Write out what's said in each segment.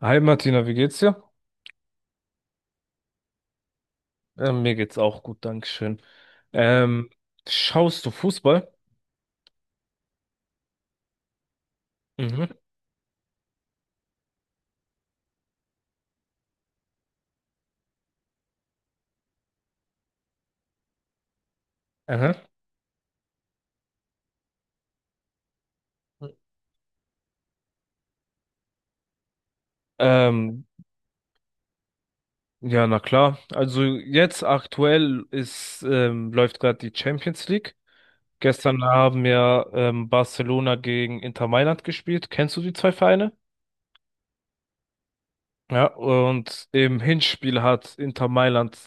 Hi Martina, wie geht's dir? Mir geht's auch gut, Dankeschön. Ähm, Schaust du Fußball? Mhm. Aha. Ähm, ja, na klar. Also jetzt aktuell ist läuft gerade die Champions League. Gestern haben ja Barcelona gegen Inter Mailand gespielt. Kennst du die zwei Vereine? Ja, und im Hinspiel hat Inter Mailand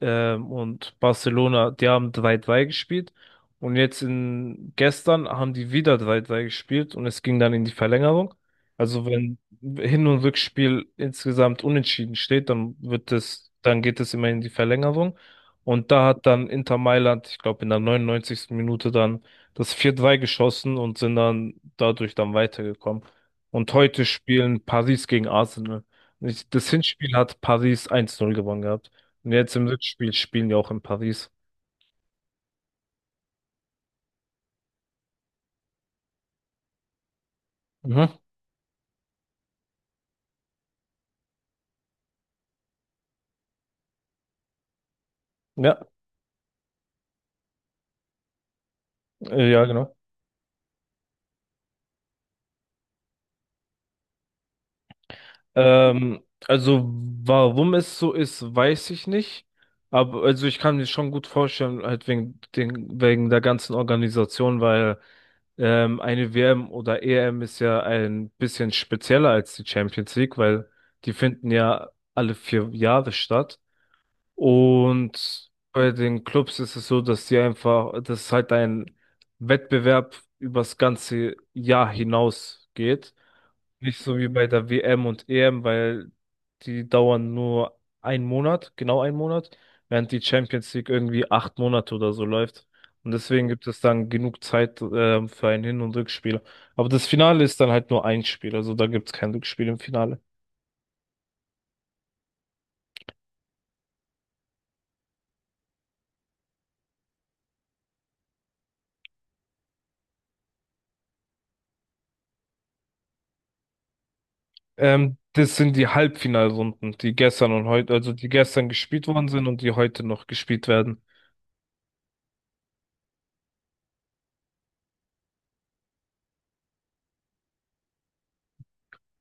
und Barcelona, die haben drei 3 gespielt. Und jetzt in gestern haben die wieder drei 3 gespielt und es ging dann in die Verlängerung. Also wenn Hin- und Rückspiel insgesamt unentschieden steht, dann wird es, dann geht es immer in die Verlängerung. Und da hat dann Inter Mailand, ich glaube, in der 99. Minute dann das vier 3 geschossen und sind dann dadurch dann weitergekommen. Und heute spielen Paris gegen Arsenal. Das Hinspiel hat Paris 1:0 gewonnen gehabt. Und jetzt im Rückspiel spielen die auch in Paris. Mhm. Ja, ja, genau. Ähm, also warum es so ist, weiß ich nicht. Aber also ich kann mir schon gut vorstellen, halt wegen den, wegen der ganzen Organisation, weil eine WM oder EM ist ja ein bisschen spezieller als die Champions League, weil die finden ja alle 4 Jahre statt. Und bei den Clubs ist es so, dass die einfach, dass halt ein Wettbewerb übers ganze Jahr hinaus geht. Nicht so wie bei der WM und EM, weil die dauern nur einen Monat, genau einen Monat, während die Champions League irgendwie 8 Monate oder so läuft. Und deswegen gibt es dann genug Zeit, für ein Hin- und Rückspiel. Aber das Finale ist dann halt nur ein Spiel, also da gibt es kein Rückspiel im Finale. Das sind die Halbfinalrunden, die gestern und heute, also die gestern gespielt worden sind und die heute noch gespielt werden.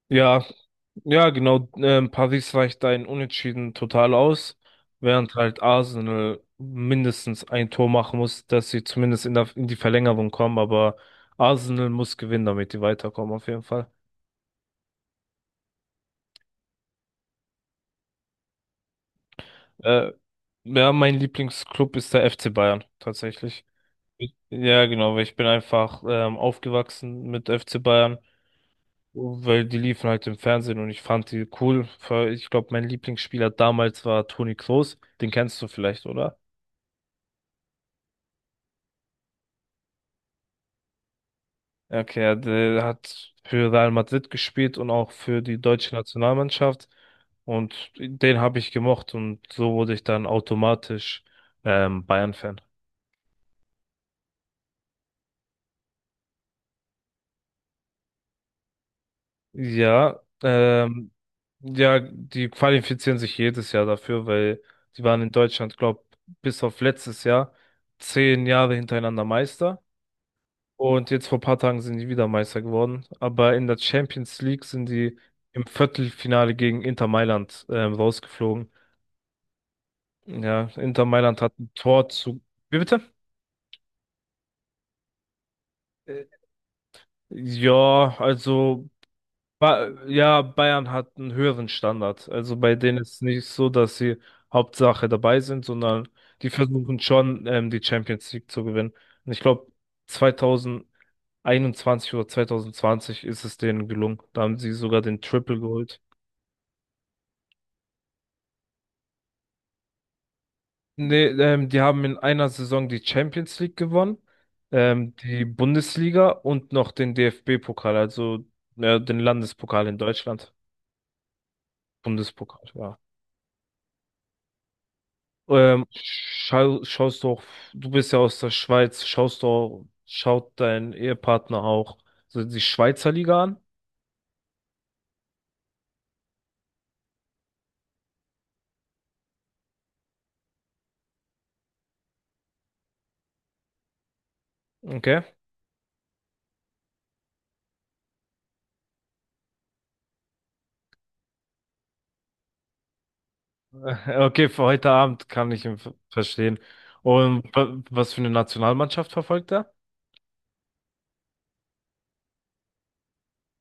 Ja, ja, genau. Paris reicht ein Unentschieden total aus, während halt Arsenal mindestens ein Tor machen muss, dass sie zumindest in die Verlängerung kommen. Aber Arsenal muss gewinnen, damit die weiterkommen, auf jeden Fall. Äh, ja, mein Lieblingsclub ist der FC Bayern, tatsächlich. Ja, genau, weil ich bin einfach aufgewachsen mit FC Bayern. Weil die liefen halt im Fernsehen und ich fand die cool. Ich glaube, mein Lieblingsspieler damals war Toni Kroos. Den kennst du vielleicht, oder? Ja, okay, ja, der hat für Real Madrid gespielt und auch für die deutsche Nationalmannschaft. Und den habe ich gemocht und so wurde ich dann automatisch Bayern-Fan. Ja, ja, die qualifizieren sich jedes Jahr dafür, weil die waren in Deutschland, glaube bis auf letztes Jahr 10 Jahre hintereinander Meister. Und jetzt vor ein paar Tagen sind die wieder Meister geworden. Aber in der Champions League sind die im Viertelfinale gegen Inter Mailand rausgeflogen. Ja, Inter Mailand hat ein Tor zu. Wie bitte? Äh, Ja, also ba ja, Bayern hat einen höheren Standard. Also bei denen ist nicht so, dass sie Hauptsache dabei sind, sondern die versuchen schon, die Champions League zu gewinnen. Und ich glaube, 2021 oder 2020 ist es denen gelungen. Da haben sie sogar den Triple geholt. Nee, die haben in einer Saison die Champions League gewonnen, die Bundesliga und noch den DFB-Pokal, also ja, den Landespokal in Deutschland. Bundespokal, ja. Schaust du auch, du bist ja aus der Schweiz, schaust du, schaut dein Ehepartner auch so die Schweizer Liga an? Okay. Okay, für heute Abend kann ich ihn verstehen. Und was für eine Nationalmannschaft verfolgt er?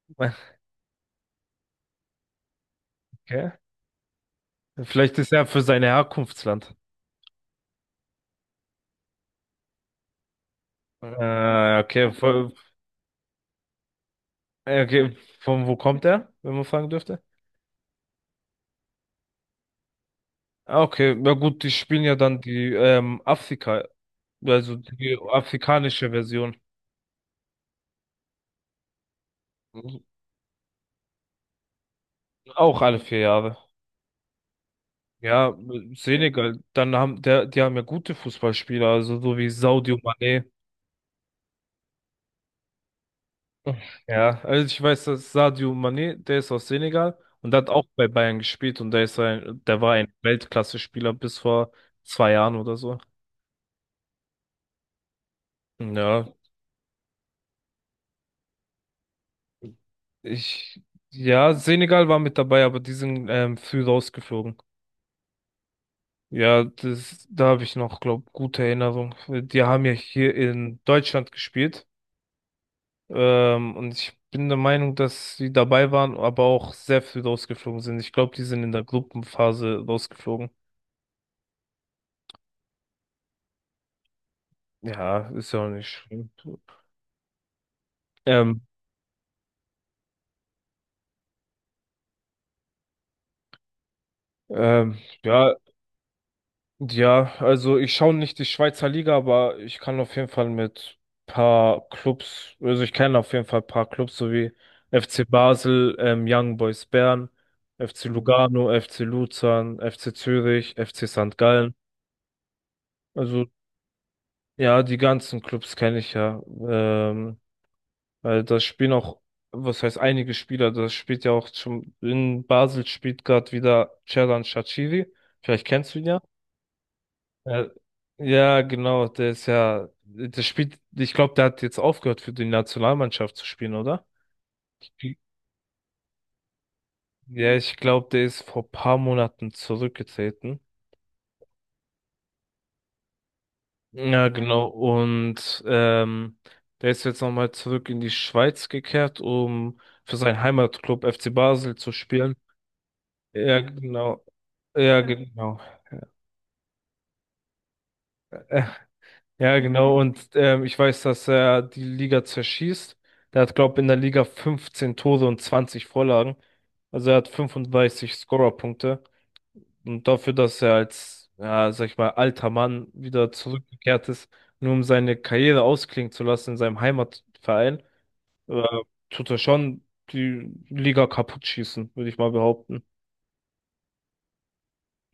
Okay. Vielleicht ist er für sein Herkunftsland. Äh, okay, von, okay, von wo kommt er, wenn man fragen dürfte? Ah, okay, na gut, die spielen ja dann die Afrika, also die afrikanische Version. Auch alle 4 Jahre. Ja, Senegal, dann die haben ja gute Fußballspieler, also so wie Sadio Mané. Ja, also ich weiß, dass Sadio Mané, der ist aus Senegal und der hat auch bei Bayern gespielt und der war ein Weltklasse-Spieler bis vor 2 Jahren oder so. Ja, Ich, ja, Senegal war mit dabei, aber die sind früh rausgeflogen. Ja, da habe ich noch, glaub, gute Erinnerung. Die haben ja hier in Deutschland gespielt. Und ich bin der Meinung, dass sie dabei waren, aber auch sehr früh rausgeflogen sind. Ich glaube, die sind in der Gruppenphase rausgeflogen. Ja, ist ja auch nicht schlimm. Ähm, ähm, ja, ja, also ich schaue nicht die Schweizer Liga, aber ich kann auf jeden Fall mit paar Clubs, also ich kenne auf jeden Fall paar Clubs, so wie FC Basel, Young Boys Bern, FC Lugano, FC Luzern, FC Zürich, FC St. Gallen. Also ja, die ganzen Clubs kenne ich ja. Ähm, Weil das spielen auch, was heißt einige Spieler, das spielt ja auch schon, in Basel spielt gerade wieder Xherdan Shaqiri. Vielleicht kennst du ihn ja. Ja, ja, genau, der ist ja, der spielt, ich glaube, der hat jetzt aufgehört für die Nationalmannschaft zu spielen, oder? Ich- Ja, ich glaube, der ist vor paar Monaten zurückgetreten. Ja, genau, und der ist jetzt nochmal zurück in die Schweiz gekehrt, um für seinen Heimatclub FC Basel zu spielen. Ja, genau, ja, genau. Ja, genau. Und ich weiß, dass er die Liga zerschießt. Der hat, glaube ich, in der Liga 15 Tore und 20 Vorlagen. Also er hat 35 Scorerpunkte. Und dafür, dass er als, ja, sag ich mal, alter Mann wieder zurückgekehrt ist, nur um seine Karriere ausklingen zu lassen in seinem Heimatverein, äh, tut er schon die Liga kaputt schießen, würde ich mal behaupten.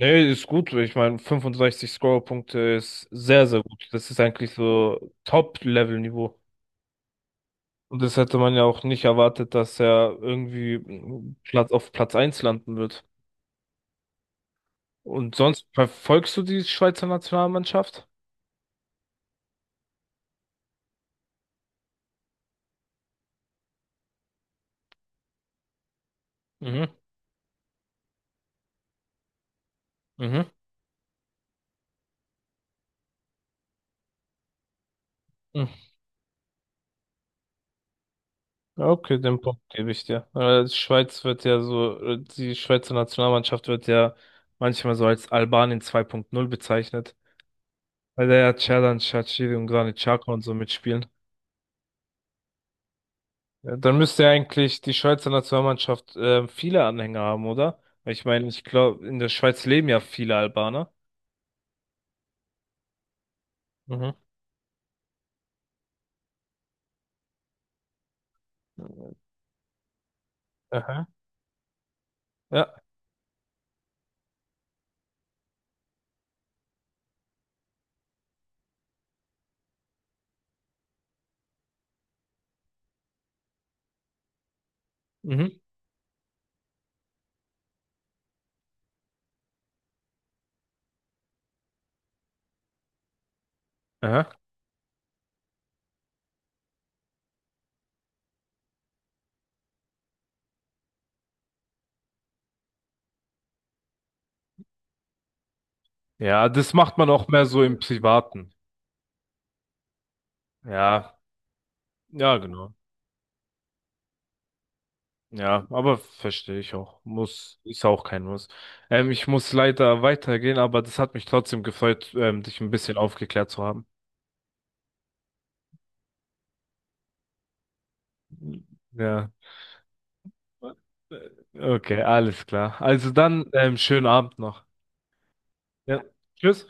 Nee, ist gut. Ich meine, 65 Scorerpunkte ist sehr, sehr gut. Das ist eigentlich so Top-Level-Niveau. Und das hätte man ja auch nicht erwartet, dass er irgendwie Platz auf Platz eins landen wird. Und sonst verfolgst du die Schweizer Nationalmannschaft? Mhm, mhm. Mhm. Ja, okay, den Punkt gebe ich dir. Die Schweizer Nationalmannschaft wird ja manchmal so als Albanien 2.0 bezeichnet, weil da ja Xherdan Shaqiri und Granit Xhaka und so mitspielen. Ja, dann müsste ja eigentlich die Schweizer Nationalmannschaft viele Anhänger haben, oder? Weil ich meine, ich glaube, in der Schweiz leben ja viele Albaner. Mhm. Aha. Ja. Mhm. Aha. Ja, das macht man auch mehr so im Privaten. Ja, ja, genau. Ja, aber verstehe ich auch. Muss, ist auch kein Muss. Ich muss leider weitergehen, aber das hat mich trotzdem gefreut, dich ein bisschen aufgeklärt zu haben. Ja. Okay, alles klar. Also dann, schönen Abend noch. Ja. Tschüss.